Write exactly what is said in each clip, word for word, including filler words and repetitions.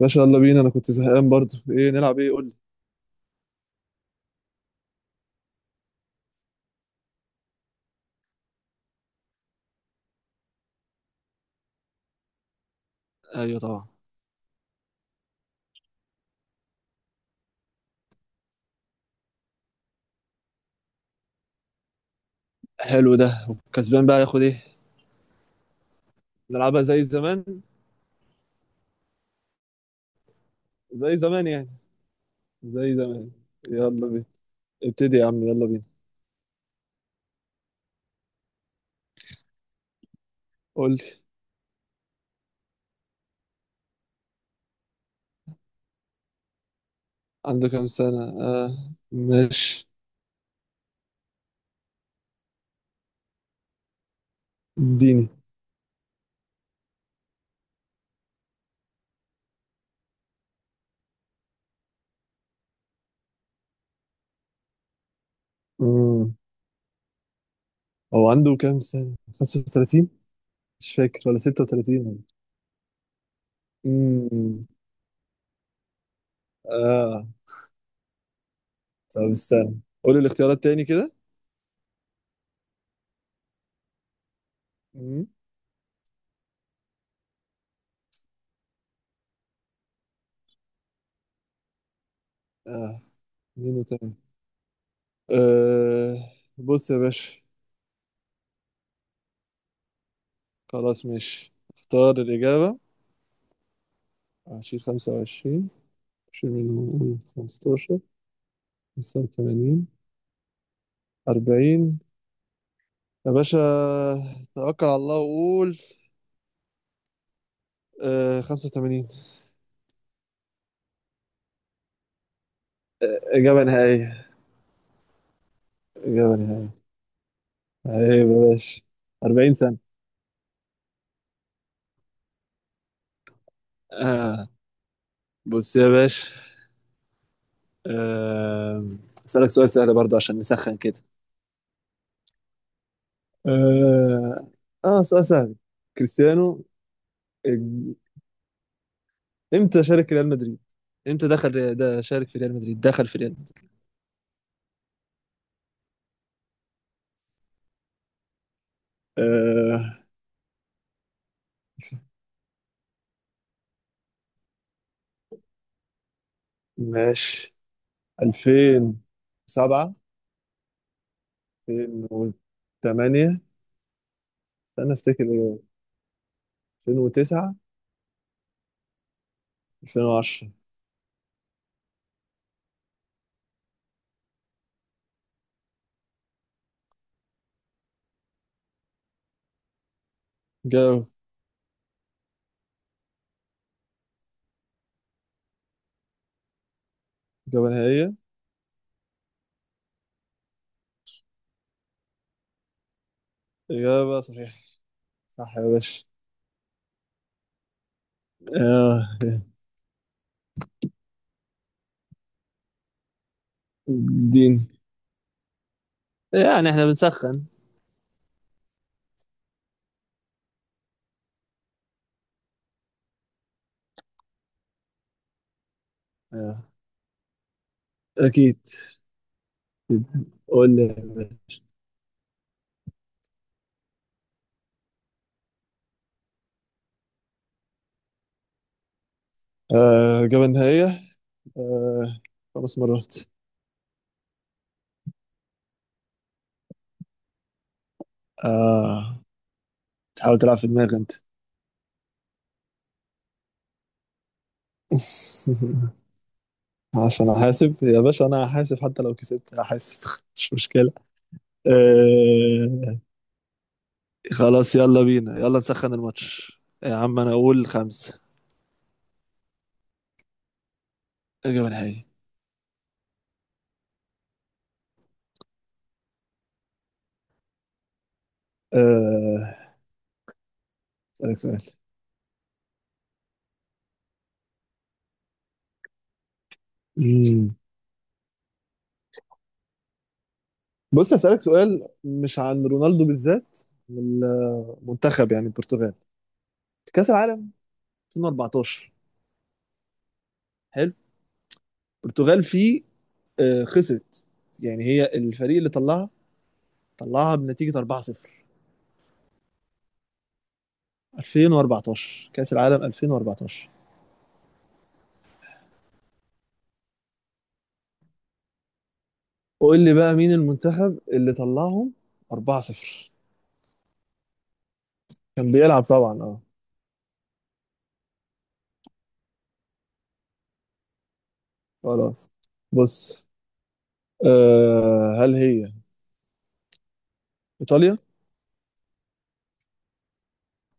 باشا، يلا بينا. انا كنت زهقان برضو. ايه نلعب؟ ايه قول لي. ايوه طبعا. حلو ده. كسبان بقى ياخد ايه؟ نلعبها زي زمان. زي زمان يعني. زي زمان. يلا بينا. ابتدي يا عم، يلا بينا. قول لي. عنده كام سنة؟ آه، ماشي. اديني. مم. هو عنده كام سنة خمسة وثلاثين؟ مش فاكر، ولا ستة وتلاتين ولا امم اه. طب استنى قول لي الاختيارات تاني كده. امم اه، اديني تاني. آه. بص يا باشا. خلاص ماشي، اختار الإجابة. عشرين، خمسة وعشرين، شيل منهم قول خمستاشر، خمسة وتمانين، أربعين. يا باشا، توكل على الله وقول. آه خمسة وتمانين. إجابة نهائية. إجابة نهائية. عيب يا باشا. أربعين سنة. آه. بص يا باشا. آه. أسألك سؤال سهل برضه عشان نسخن كده. آه. آه سؤال سهل. كريستيانو إج- إمتى شارك ريال مدريد؟ إمتى دخل ده شارك في ريال مدريد؟ دخل في ريال. آه ماشي، ألفين وسبعة، ألفين وثمانية، انا افتكر ايه؟ ألفين وتسعة، ألفين وعشرة. جاب إجابة نهائية. إجابة صحيحة. صح يا باشا. آه. دين، يعني احنا بنسخن. آه، أكيد. قول لي. آه. إجابة نهائية. آه، خمس مرات. آه، تحاول تلعب في دماغي أنت. عشان أحاسب يا باشا، أنا هحاسب. حتى لو كسبت هحاسب، مش مشكلة. آه، خلاص. يلا بينا، يلا نسخن الماتش يا عم. انا اقول خمسة. اجابة نهائية. آه، اسألك سؤال. مم. بص اسألك سؤال مش عن رونالدو بالذات. من المنتخب، يعني البرتغال، كأس العالم ألفين وأربعتاشر. حلو. البرتغال فيه آه، خسرت. يعني هي الفريق اللي طلعها، طلعها بنتيجة أربعة صفر. ألفين وأربعتاشر، كأس العالم ألفين وأربعتاشر. قول لي بقى مين المنتخب اللي طلعهم أربعة صفر؟ كان بيلعب طبعا، اه. خلاص. بص، أه هل هي إيطاليا؟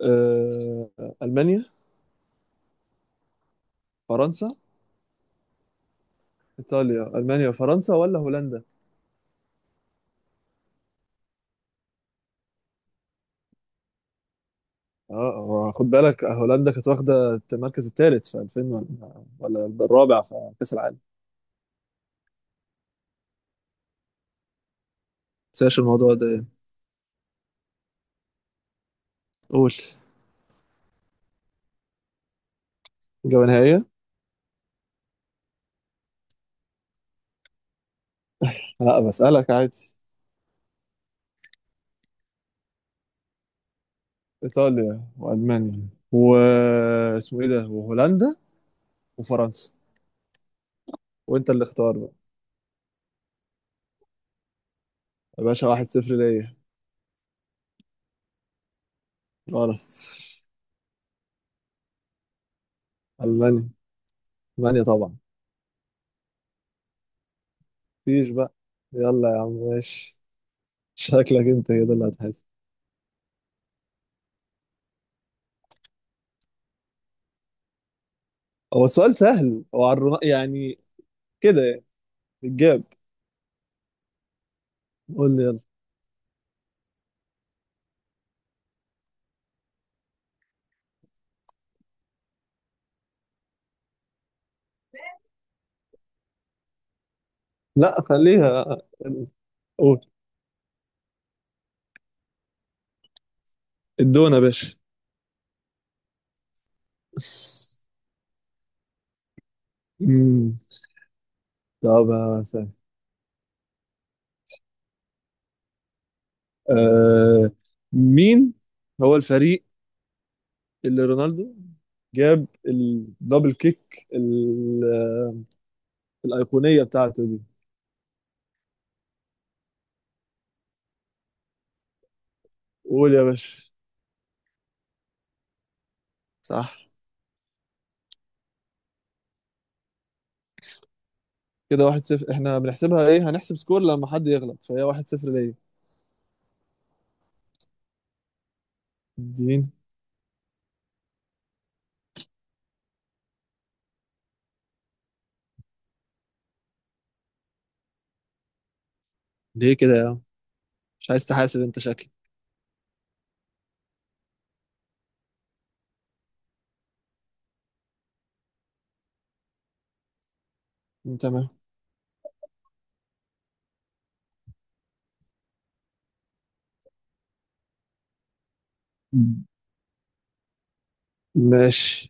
أه، ألمانيا، فرنسا. إيطاليا، ألمانيا، فرنسا، ولا هولندا؟ اه، هو خد بالك، هولندا كانت واخدة المركز الثالث في ألفين ولا ولا الرابع في كأس العالم. نساش الموضوع ده. قول. إجابة نهائية. لا، بسألك عادي. إيطاليا وألمانيا واسمه إيه ده وهولندا وفرنسا. وأنت اللي اختار بقى. يا باشا، واحد صفر ليا. غلط. ألمانيا، ألمانيا طبعا. مفيش بقى. يلا يا عم ماشي. شكلك انت كده اللي هتحاسب. هو السؤال سهل، هو على الرنا- يعني كده، يعني الجاب. قول لي، يلا. لا خليها. قول. الدونة يا باشا. مم. طب يا سهل. آه، مين هو الفريق اللي رونالدو جاب الدبل كيك ال- الأيقونية بتاعته دي؟ قول يا باشا. صح. كده واحد صفر. احنا بنحسبها ايه؟ هنحسب سكور لما حد يغلط، فهي واحد صفر ليا. اديني. ليه كده يا عم؟ مش عايز تحاسب انت، شكلك. تمام. ماشي.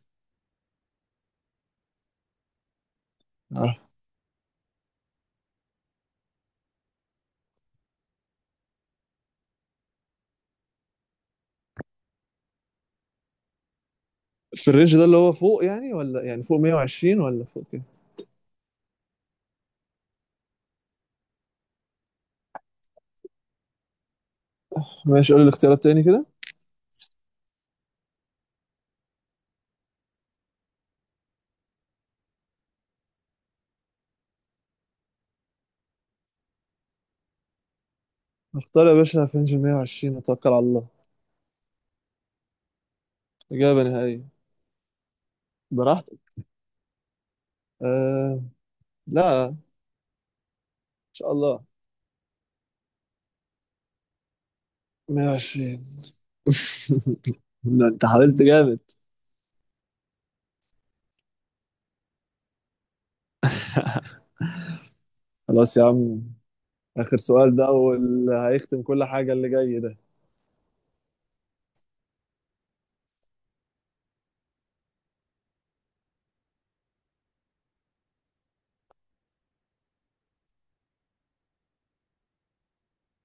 آه. في الرينج ده اللي هو فوق يعني، ولا يعني فوق مية وعشرين ولا فوق كده؟ ماشي، قول لي الاختيارات تاني كده. اختار يا باشا في رينج مية وعشرين، وتوكل على الله. إجابة نهائية. براحتك. آه. لا، إن شاء الله. مية وعشرين. لا، انت حاولت جامد. خلاص يا عم. آخر سؤال ده، واللي هيختم كل حاجة اللي جاي ده.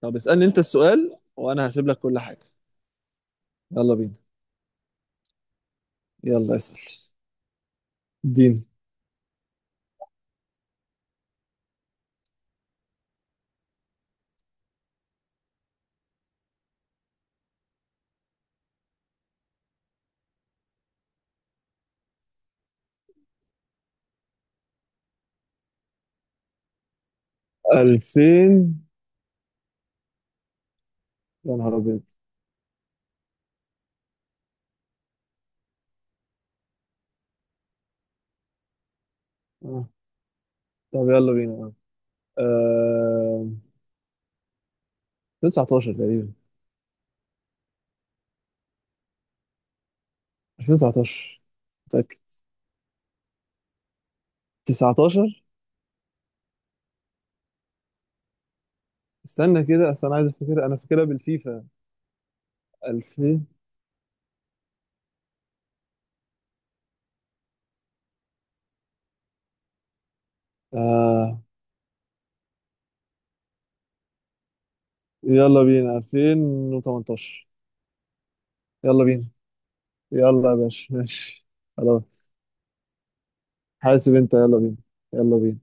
طب اسألني انت السؤال، وانا هسيب لك كل حاجة. يلا بينا. يلا اسأل. دين. ألفين. يا نهار أبيض. آه. طب يلا بينا. آه. ألفين وتسعتاشر تقريبا. ألفين وتسعتاشر. متأكد. تسعتاشر. استنى كده، أصل أنا عايز أفتكر، أنا فاكرها بالفيفا. ألفين. آه. يلا بينا ألفين وتمنتاشر. يلا بينا. يلا يا باشا ماشي. خلاص. حاسب أنت يلا بينا. يلا بينا.